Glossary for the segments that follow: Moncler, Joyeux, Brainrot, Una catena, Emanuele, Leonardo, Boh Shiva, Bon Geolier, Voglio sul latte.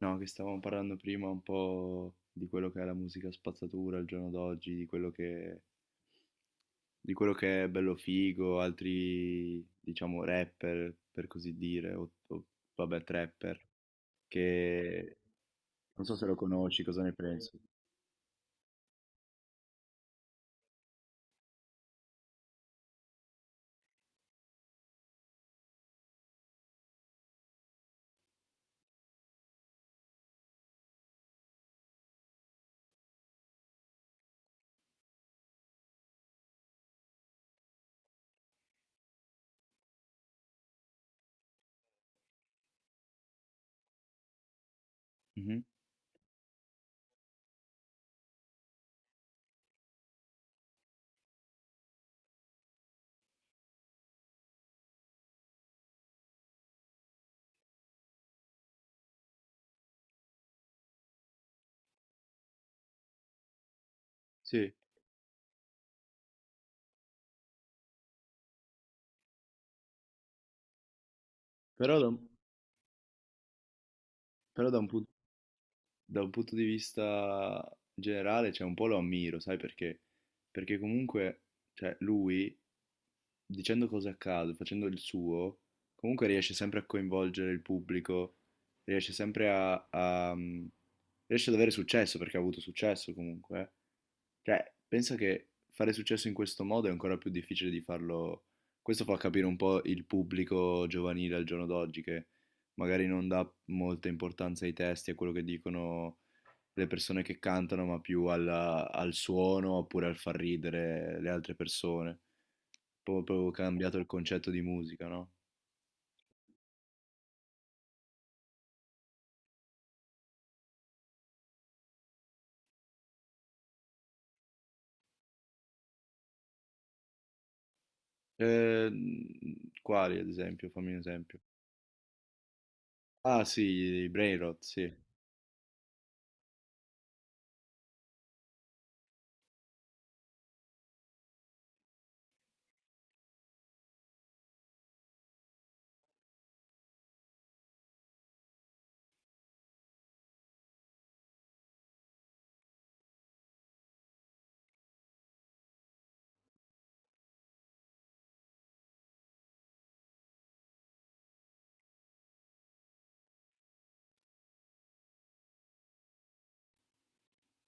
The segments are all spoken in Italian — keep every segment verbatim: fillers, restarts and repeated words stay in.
No, che stavamo parlando prima un po' di quello che è la musica spazzatura al giorno d'oggi, di quello che, di quello che è bello figo, altri, diciamo, rapper, per così dire, o, o, vabbè, trapper, che non so se lo conosci, cosa ne pensi? Mhm. Sì, però, da, un- però da un pun- da un punto di vista generale, cioè, un po' lo ammiro, sai perché? Perché comunque, cioè, lui... dicendo cose a caso, facendo il suo, comunque riesce sempre a coinvolgere il pubblico, riesce sempre a, a- mm, riesce ad avere successo perché ha avuto successo comunque. Eh. Cioè, penso che fare successo in questo modo è ancora più difficile di farlo. Questo fa capire un po' il pubblico giovanile al giorno d'oggi che magari non dà molta importanza ai testi, a quello che dicono le persone che cantano, ma più alla- al suono oppure al far ridere le altre persone. Po proprio cambiato il concetto di musica, no? Ehm, quali ad esempio? Fammi un esempio. Ah sì, i Brainrot, sì.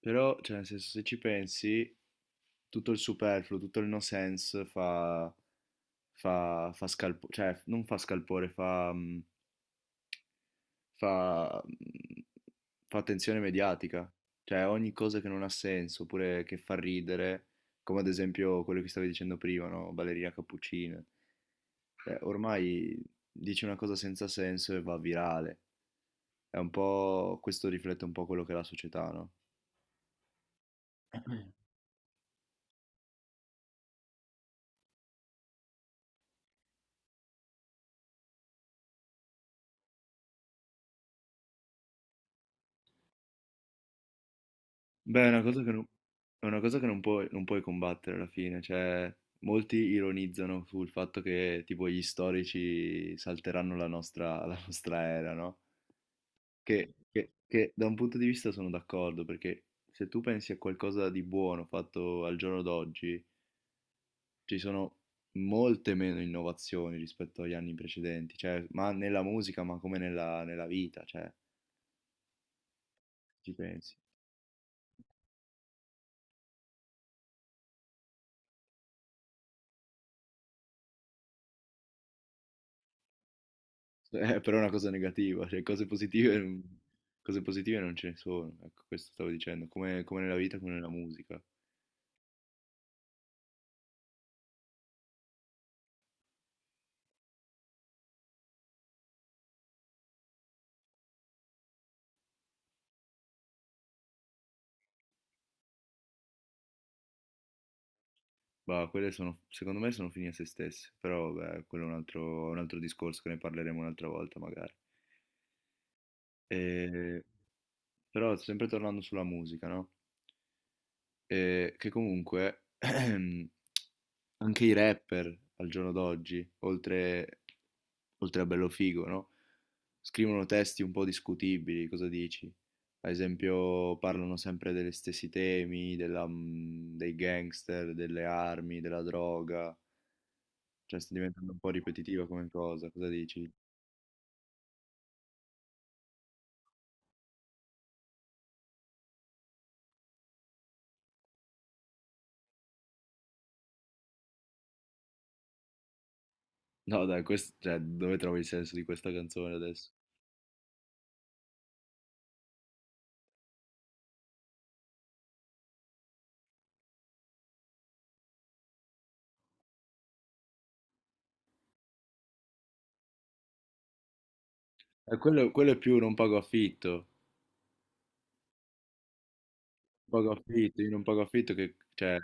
Però, cioè, nel senso, se ci pensi, tutto il superfluo, tutto il no sense fa, fa, fa scalpo- cioè, non fa scalpore, fa, mm, fa, mm, fa attenzione mediatica. Cioè, ogni cosa che non ha senso, oppure che fa ridere, come ad esempio quello che stavi dicendo prima, no? Ballerina cappuccina. Cioè, ormai dici una cosa senza senso e va virale. È un po', questo riflette un po' quello che è la società, no? Beh, è una cosa che non, è una cosa che non puoi, non puoi combattere alla fine, cioè molti ironizzano sul fatto che tipo gli storici salteranno la nostra, la nostra era, no? Che, che- che da un punto di vista sono d'accordo, perché se tu pensi a qualcosa di buono fatto al giorno d'oggi, ci sono molte meno innovazioni rispetto agli anni precedenti, cioè, ma nella musica, ma come nella, nella vita, cioè, ci pensi. Eh, però è una cosa negativa, cioè, cose positive, non- cose positive non ce ne sono, ecco, questo stavo dicendo, come, come nella vita, come nella musica. Bah, quelle sono, secondo me sono fini a se stesse, però beh, quello è un altro, un altro discorso che ne parleremo un'altra volta magari. E- Però sempre tornando sulla musica, no? E che comunque anche i rapper al giorno d'oggi, oltre, oltre a bello figo, no? Scrivono testi un po' discutibili, cosa dici? Ad esempio, parlano sempre degli stessi temi, della, mm, dei gangster, delle armi, della droga. Cioè, sta diventando un po' ripetitiva come cosa, cosa dici? No, dai, questo, cioè, dove trovi il senso di questa canzone adesso? Eh, quello, quello è più non pago affitto, non pago affitto, io non pago affitto che, cioè,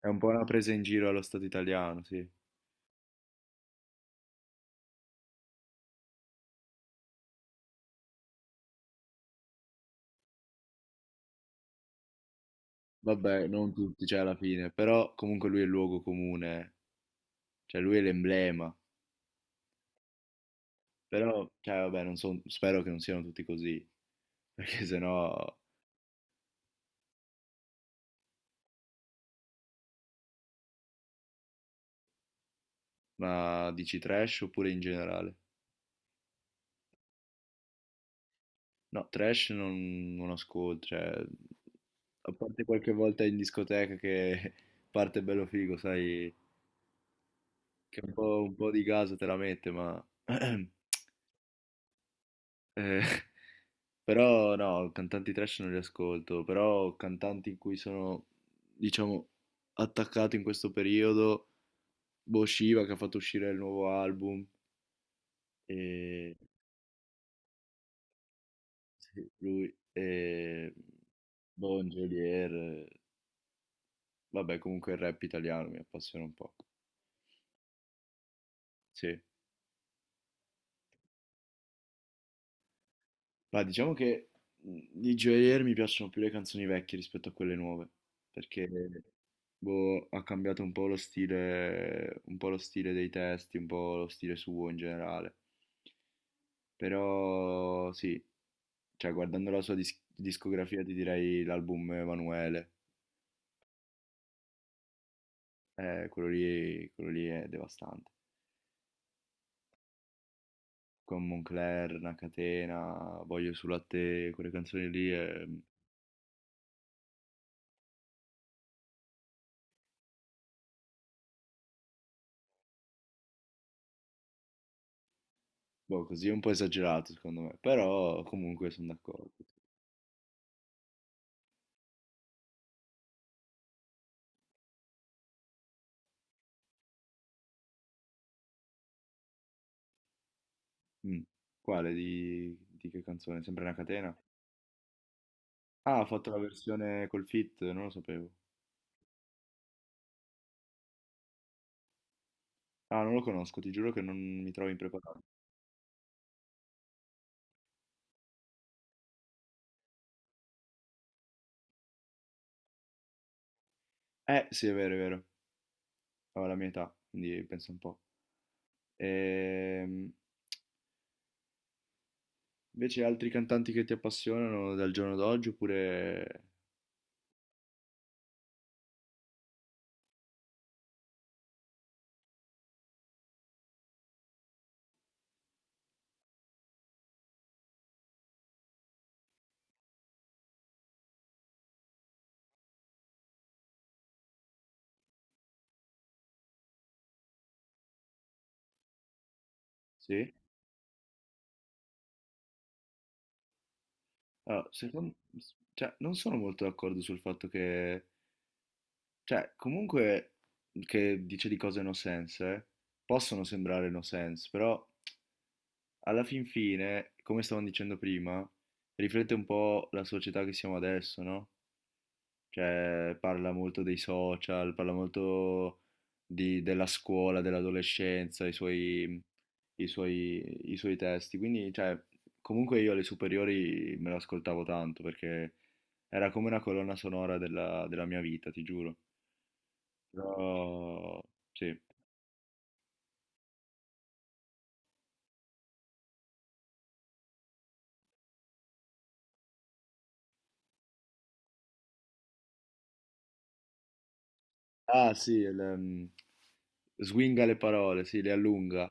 è un po' una presa in giro allo Stato italiano, sì. Vabbè, non tutti, cioè alla fine, però comunque lui è il luogo comune, cioè lui è l'emblema, però, cioè vabbè, non so, spero che non siano tutti così, perché sennò, ma dici trash oppure in generale? No, trash non, non ascolto, cioè, a parte qualche volta in discoteca che parte bello figo, sai, che un po', un po' di gas te la mette, ma eh, però no, cantanti trash non li ascolto, però cantanti in cui sono, diciamo, attaccato in questo periodo, boh, Shiva che ha fatto uscire il nuovo album, e sì, lui, e Bon Geolier, eh, vabbè comunque il rap italiano mi appassiona un po', sì. Ma diciamo che mh, di Joyeux mi piacciono più le canzoni vecchie rispetto a quelle nuove, perché boh, ha cambiato un po' lo stile, un po' lo stile dei testi, un po' lo stile suo in generale. Però sì, cioè guardando la sua dis- discografia ti direi l'album Emanuele, eh, quello lì, quello lì è devastante. Con Moncler, Una catena, Voglio sul latte, quelle canzoni lì, è, boh, così è un po' esagerato secondo me, però comunque sono d'accordo. Mh. Quale? Di di che canzone? Sempre una catena? Ah, ha fatto la versione col feat, non lo sapevo. Ah, non lo conosco, ti giuro che non mi trovo impreparato. Eh, sì è vero, è vero. Aveva la mia età, quindi pensa un po'. Ehm, Invece altri cantanti che ti appassionano dal giorno d'oggi oppure sì? Allora, secon s cioè non sono molto d'accordo sul fatto che cioè comunque che dice di cose no sense, eh, possono sembrare no sense, però alla fin fine, come stavamo dicendo prima, riflette un po' la società che siamo adesso, no? Cioè, parla molto dei social, parla molto di- della scuola, dell'adolescenza, i suoi, i suoi, i suoi testi. Quindi, cioè, comunque io alle superiori me lo ascoltavo tanto perché era come una colonna sonora della, della mia vita, ti giuro. Però, sì. Ah, sì, il, ehm, swinga le parole, sì, le allunga.